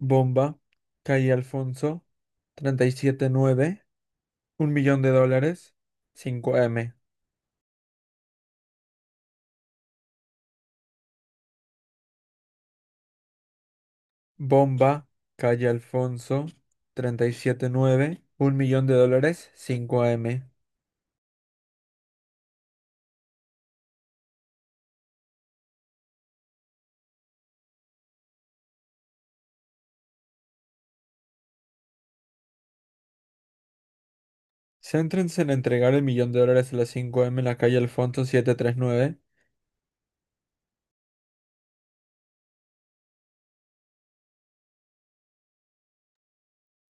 Bomba, Calle Alfonso, 37 9, un millón de dólares, cinco m. Bomba, Calle Alfonso, treinta y siete nueve, un millón de dólares, cinco m. Céntrense en entregar el millón de dólares a las cinco m en la calle Alfonso 739.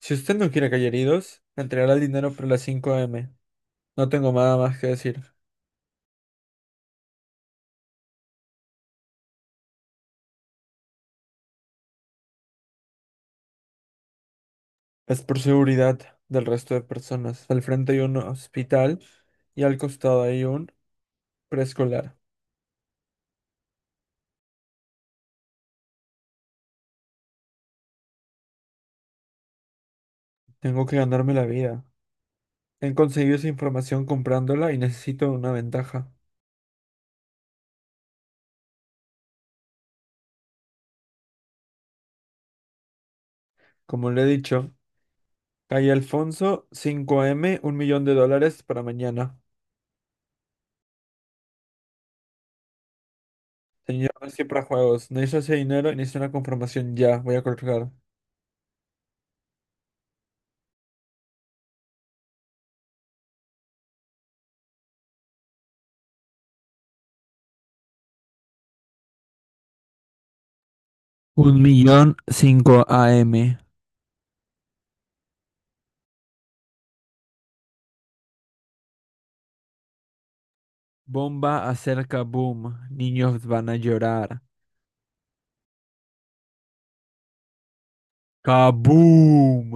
Si usted no quiere caer heridos, entregará el dinero por las cinco m. No tengo nada más que decir. Es por seguridad del resto de personas. Al frente hay un hospital y al costado hay un preescolar. Tengo que ganarme la vida. He conseguido esa información comprándola y necesito una ventaja. Como le he dicho, calle Alfonso, cinco m, un millón de dólares para mañana. Señor, no es que para juegos. Necesito ese dinero y necesito una confirmación ya. Voy a colgar. Un millón cinco a m. Bomba acerca boom. Niños van a llorar. ¡Kaboom!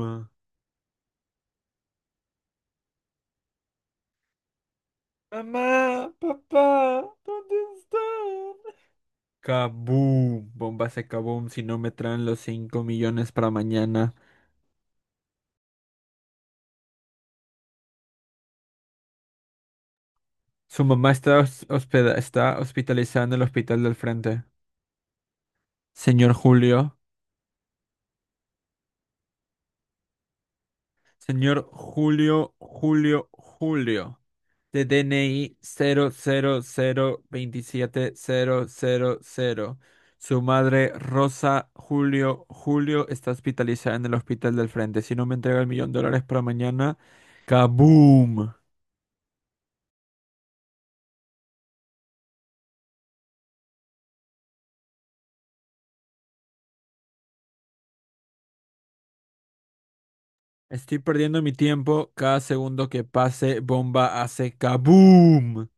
Mamá, papá, ¿dónde están? Kaboom, bomba se kaboom, si no me traen los 5 millones para mañana. Su mamá está, está hospitalizada en el hospital del frente. Señor Julio, señor Julio, Julio, Julio. De DNI 00 027 000. Su madre, Rosa Julio, Julio, está hospitalizada en el hospital del frente. Si no me entrega el millón de dólares para mañana, kaboom. Estoy perdiendo mi tiempo. Cada segundo que pase, bomba hace kaboom.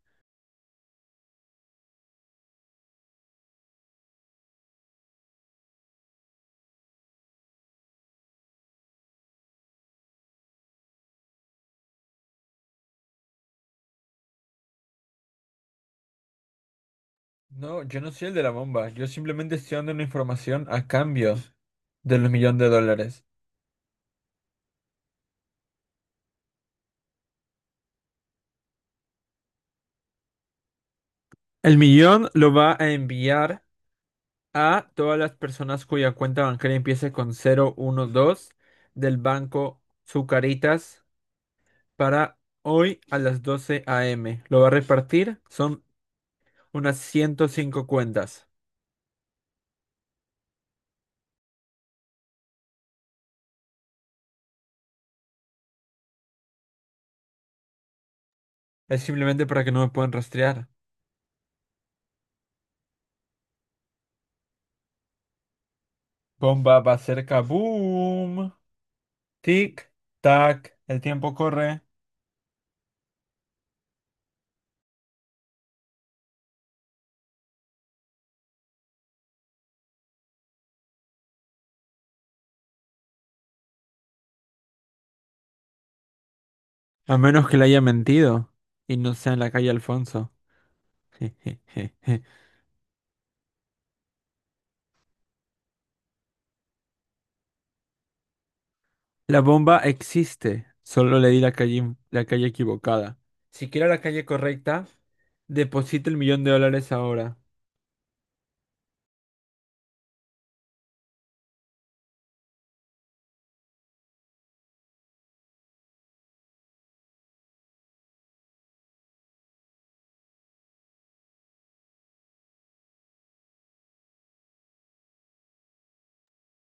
No, yo no soy el de la bomba. Yo simplemente estoy dando una información a cambio de los millones de dólares. El millón lo va a enviar a todas las personas cuya cuenta bancaria empiece con 012 del banco Zucaritas para hoy a las 12 a. m. Lo va a repartir. Son unas 105 cuentas. Es simplemente para que no me puedan rastrear. Bomba va cerca, boom. Tic, tac. El tiempo corre. A menos que le haya mentido y no sea en la calle Alfonso. La bomba existe. Solo le di la calle equivocada. Si quiero la calle correcta, deposite el millón de dólares ahora.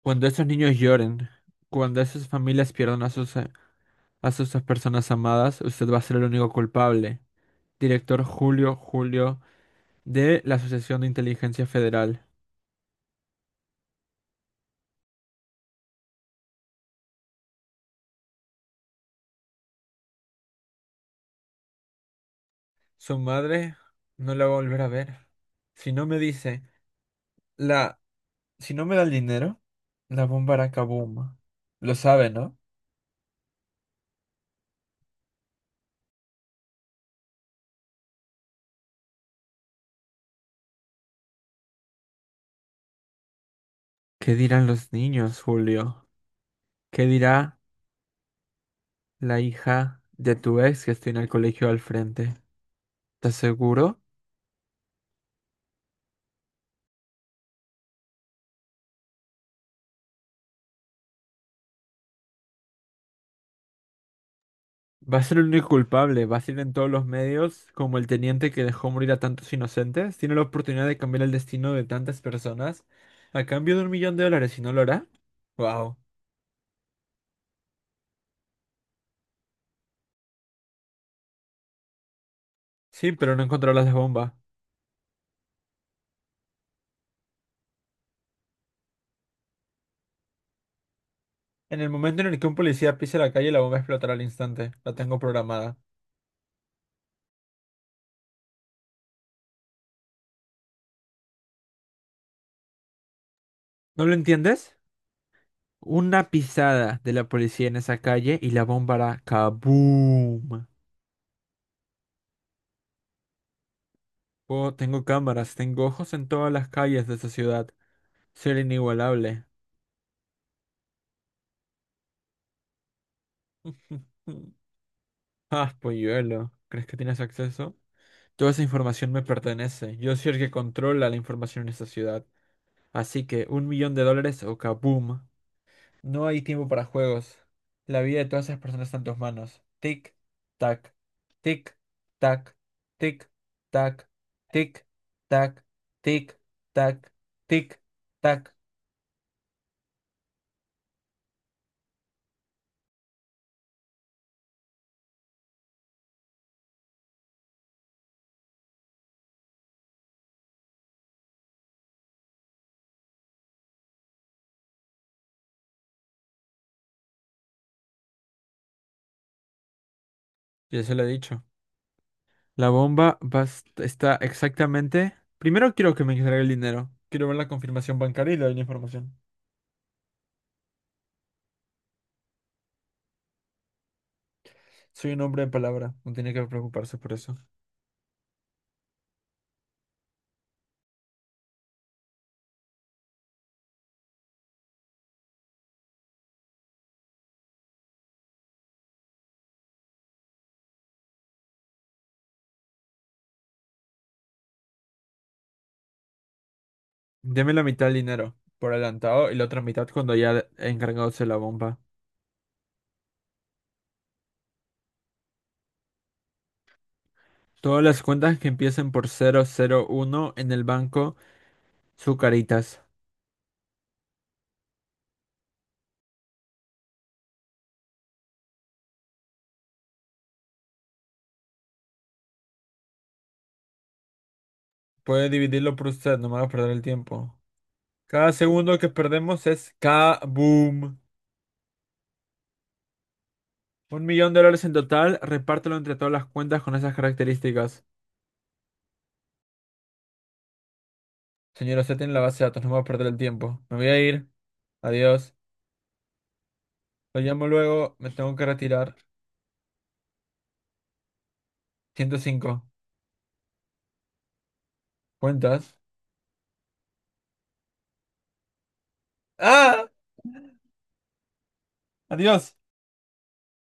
Cuando esos niños lloren, cuando esas familias pierdan a sus personas amadas, usted va a ser el único culpable. Director Julio Julio de la Asociación de Inteligencia Federal. Su madre no la va a volver a ver. Si no me dice, la, si no me da el dinero, la bomba hará kaboom. Lo sabe, ¿no? ¿Qué dirán los niños, Julio? ¿Qué dirá la hija de tu ex que está en el colegio al frente? ¿Estás seguro? Va a ser el único culpable, va a ser en todos los medios como el teniente que dejó morir a tantos inocentes. Tiene la oportunidad de cambiar el destino de tantas personas a cambio de un millón de dólares, ¿y no lo hará? Wow. Sí, pero no encontrará las bombas. En el momento en el que un policía pise la calle, la bomba explotará al instante. La tengo programada. ¿No lo entiendes? Una pisada de la policía en esa calle y la bomba hará kaboom. Oh, tengo cámaras, tengo ojos en todas las calles de esa ciudad. Ser inigualable. Ah, polluelo, ¿crees que tienes acceso? Toda esa información me pertenece. Yo soy el que controla la información en esta ciudad. Así que un millón de dólares o kaboom. No hay tiempo para juegos. La vida de todas esas personas está en tus manos. Tic, tac, tic, tac, tic, tac, tic, tac, tic, tac, tic, tac. Ya se lo he dicho. La bomba va está exactamente. Primero quiero que me entregue el dinero. Quiero ver la confirmación bancaria y le doy la información. Soy un hombre de palabra. No tiene que preocuparse por eso. Deme la mitad del dinero por adelantado y la otra mitad cuando haya encargado de la bomba. Todas las cuentas que empiecen por 001 en el banco Sucaritas. Puede dividirlo por usted, no me haga perder el tiempo. Cada segundo que perdemos es K-boom. Un millón de dólares en total, repártelo entre todas las cuentas con esas características. Señora, usted tiene la base de datos, no me va a perder el tiempo. Me voy a ir. Adiós. Lo llamo luego, me tengo que retirar. 105. ¿Cuentas? ¡Ah! ¡Adiós!